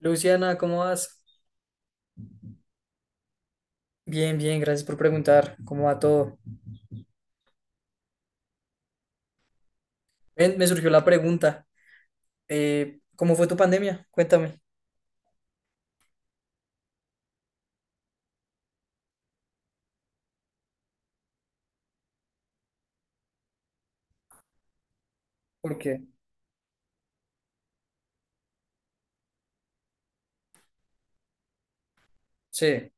Luciana, ¿cómo vas? Bien, bien, gracias por preguntar. ¿Cómo va todo? Ven, me surgió la pregunta. ¿Cómo fue tu pandemia? Cuéntame. ¿Por qué? Sí.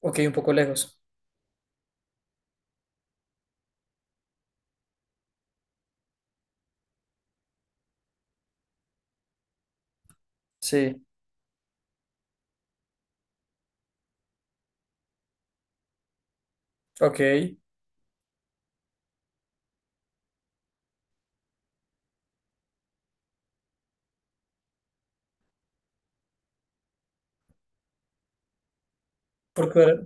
Ok, un poco lejos. Sí. Ok. Porque ahora-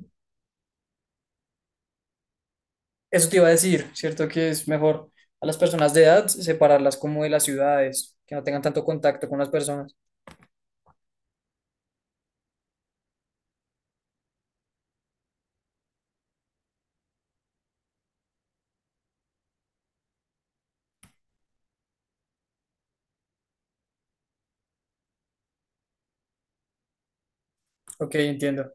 Eso te iba a decir, ¿cierto? Que es mejor a las personas de edad separarlas como de las ciudades, que no tengan tanto contacto con las personas. Ok, entiendo.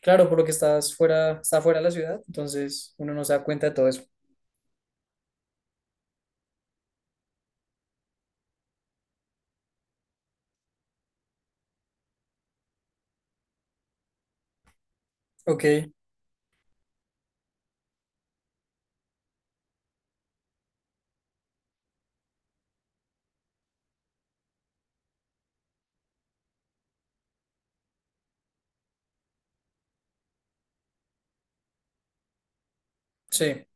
Claro, por lo que está fuera de la ciudad, entonces uno no se da cuenta de todo eso. Ok, sí.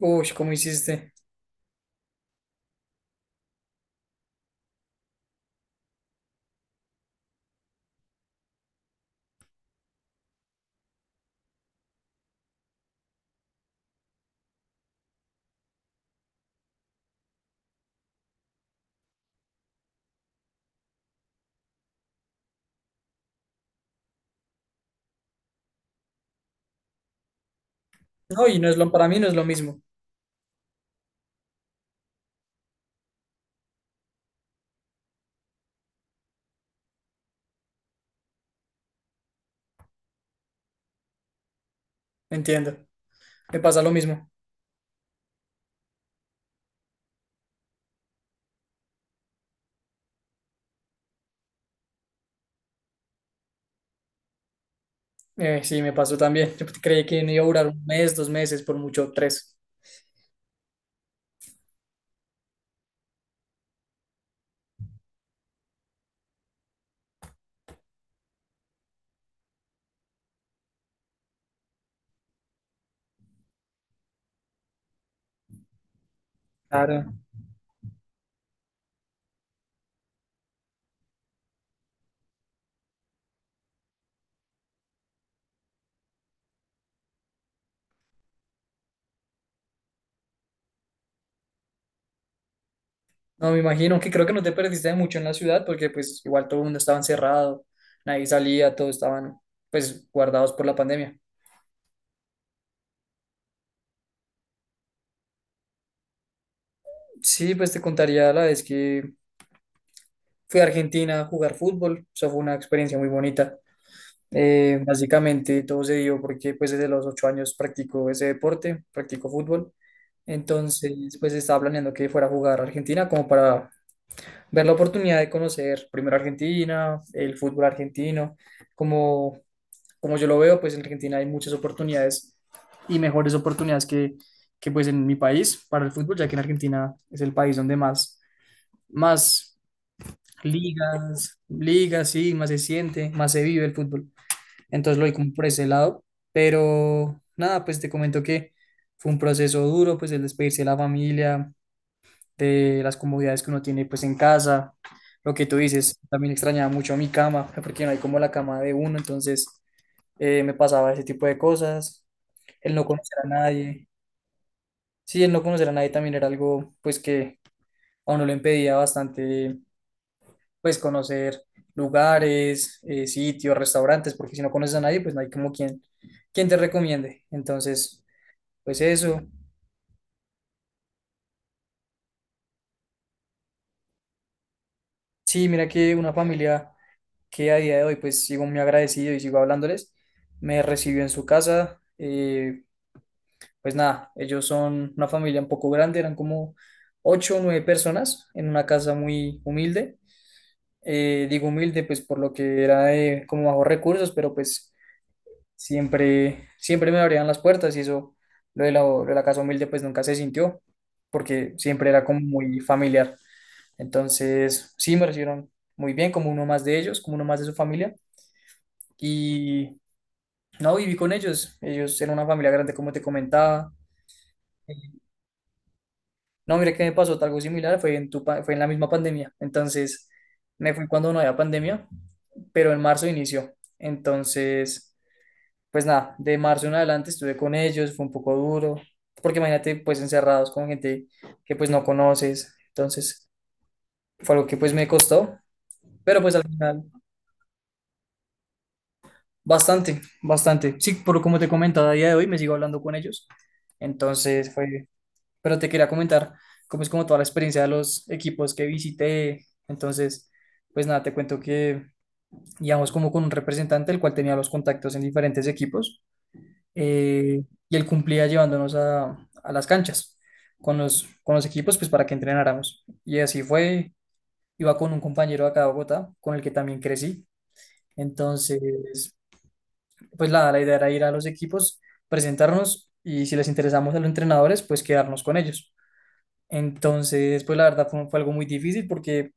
Uy, ¿cómo hiciste? No, y no es lo, para mí no es lo mismo, entiendo. Me pasa lo mismo. Sí, me pasó también. Yo creí que me iba a durar un mes, 2 meses, por mucho tres. Claro. No, me imagino que creo que no te perdiste de mucho en la ciudad porque pues igual todo el mundo estaba encerrado, nadie salía, todos estaban pues guardados por la pandemia. Sí, pues te contaría la vez que fui a Argentina a jugar fútbol, eso fue una experiencia muy bonita. Básicamente todo se dio porque pues desde los 8 años practico ese deporte, practico fútbol. Entonces pues estaba planeando que fuera a jugar a Argentina como para ver la oportunidad de conocer primero Argentina, el fútbol argentino. Como, como yo lo veo pues en Argentina hay muchas oportunidades y mejores oportunidades que pues en mi país para el fútbol, ya que en Argentina es el país donde más ligas, ligas, sí, más se siente, más se vive el fútbol. Entonces lo vi como por ese lado, pero nada, pues te comento que fue un proceso duro, pues el despedirse de la familia, de las comodidades que uno tiene pues en casa, lo que tú dices, también extrañaba mucho mi cama, porque no hay como la cama de uno, entonces me pasaba ese tipo de cosas, el no conocer a nadie, sí, el no conocer a nadie también era algo pues que a uno le impedía bastante pues conocer lugares, sitios, restaurantes, porque si no conoces a nadie, pues no hay como quien, te recomiende. Entonces, pues eso. Sí, mira que una familia que a día de hoy, pues sigo muy agradecido y sigo hablándoles, me recibió en su casa. Pues nada, ellos son una familia un poco grande, eran como ocho o nueve personas en una casa muy humilde. Digo humilde, pues por lo que era de como bajos recursos, pero pues siempre, siempre me abrían las puertas y eso, lo de la casa humilde pues nunca se sintió porque siempre era como muy familiar. Entonces, sí, me recibieron muy bien, como uno más de ellos, como uno más de su familia. Y no, viví con ellos. Ellos eran una familia grande, como te comentaba. No, mira que me pasó algo similar, fue en la misma pandemia. Entonces, me fui cuando no había pandemia, pero en marzo inició. Entonces, pues nada, de marzo en adelante estuve con ellos, fue un poco duro, porque imagínate pues encerrados con gente que pues no conoces, entonces fue algo que pues me costó, pero pues al final bastante, bastante. Sí, por como te comentaba a día de hoy me sigo hablando con ellos, entonces fue, pero te quería comentar cómo es como toda la experiencia de los equipos que visité, entonces pues nada, te cuento que íbamos como con un representante el cual tenía los contactos en diferentes equipos. eh, y él cumplía llevándonos a, las canchas con los equipos pues para que entrenáramos. Y así fue, iba con un compañero acá de Bogotá, con el que también crecí. Entonces, pues la idea era ir a los equipos, presentarnos y si les interesamos a los entrenadores, pues quedarnos con ellos. Entonces, pues la verdad fue algo muy difícil porque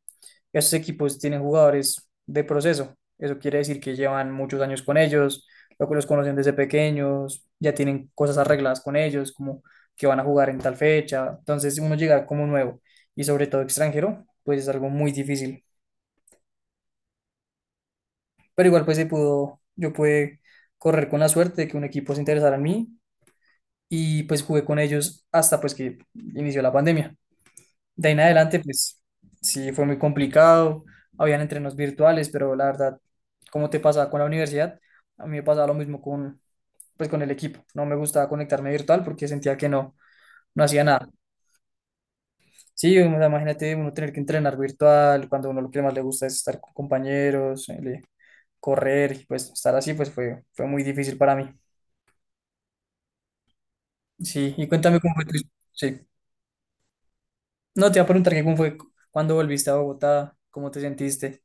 estos equipos tienen jugadores de proceso. Eso quiere decir que llevan muchos años con ellos, lo que los conocen desde pequeños, ya tienen cosas arregladas con ellos, como que van a jugar en tal fecha. Entonces, uno llegar como nuevo y sobre todo extranjero, pues es algo muy difícil. Pero igual, pues se pudo, yo pude correr con la suerte de que un equipo se interesara en mí y pues jugué con ellos hasta pues que inició la pandemia. De ahí en adelante, pues sí, fue muy complicado. Habían entrenos virtuales, pero la verdad, como te pasaba con la universidad, a mí me pasaba lo mismo pues, con el equipo. No me gustaba conectarme virtual porque sentía que no, no hacía nada. Sí, o sea, imagínate uno tener que entrenar virtual cuando uno lo que más le gusta es estar con compañeros, correr, y pues estar así, pues fue muy difícil para mí. Sí, y cuéntame cómo fue tu. Sí, no te iba a preguntar que cómo fue cuando volviste a Bogotá, cómo te sentiste.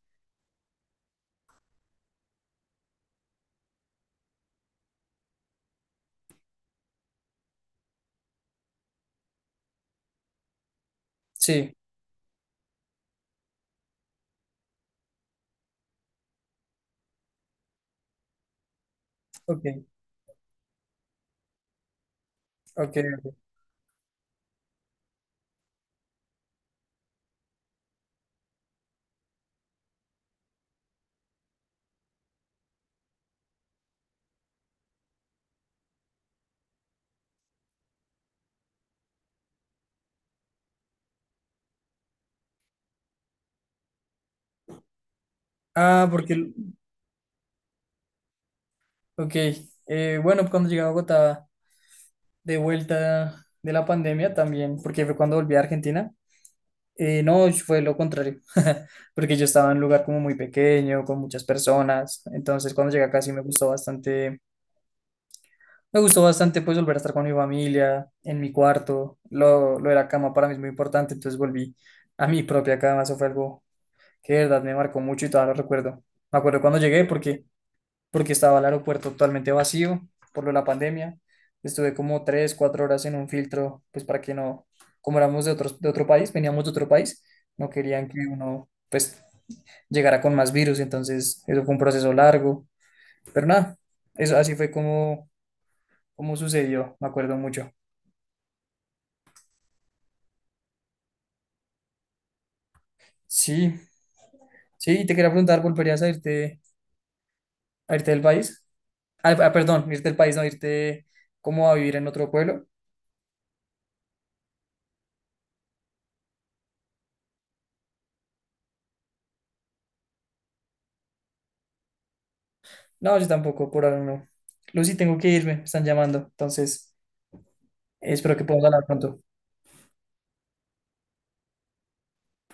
Sí, ok, ok. Ok. Ah, porque, el- ok, bueno, cuando llegué a Bogotá, de vuelta de la pandemia también, porque fue cuando volví a Argentina, no, fue lo contrario, porque yo estaba en un lugar como muy pequeño, con muchas personas, entonces cuando llegué acá sí me gustó bastante pues volver a estar con mi familia, en mi cuarto, lo de la cama para mí es muy importante, entonces volví a mi propia cama, eso fue algo que de verdad me marcó mucho y todavía lo recuerdo. Me acuerdo cuando llegué porque estaba el aeropuerto totalmente vacío por lo de la pandemia. Estuve como 3, 4 horas en un filtro, pues para que no, como éramos de otro país, veníamos de otro país, no querían que uno, pues, llegara con más virus, entonces eso fue un proceso largo, pero nada, eso así fue como sucedió, me acuerdo mucho. Sí, sí, te quería preguntar, ¿volverías a irte del país? Ah, ah, perdón, irte del país, no, irte como a vivir en otro pueblo. No, yo tampoco, por ahora no. Lucy, tengo que irme, me están llamando, entonces espero que podamos hablar pronto.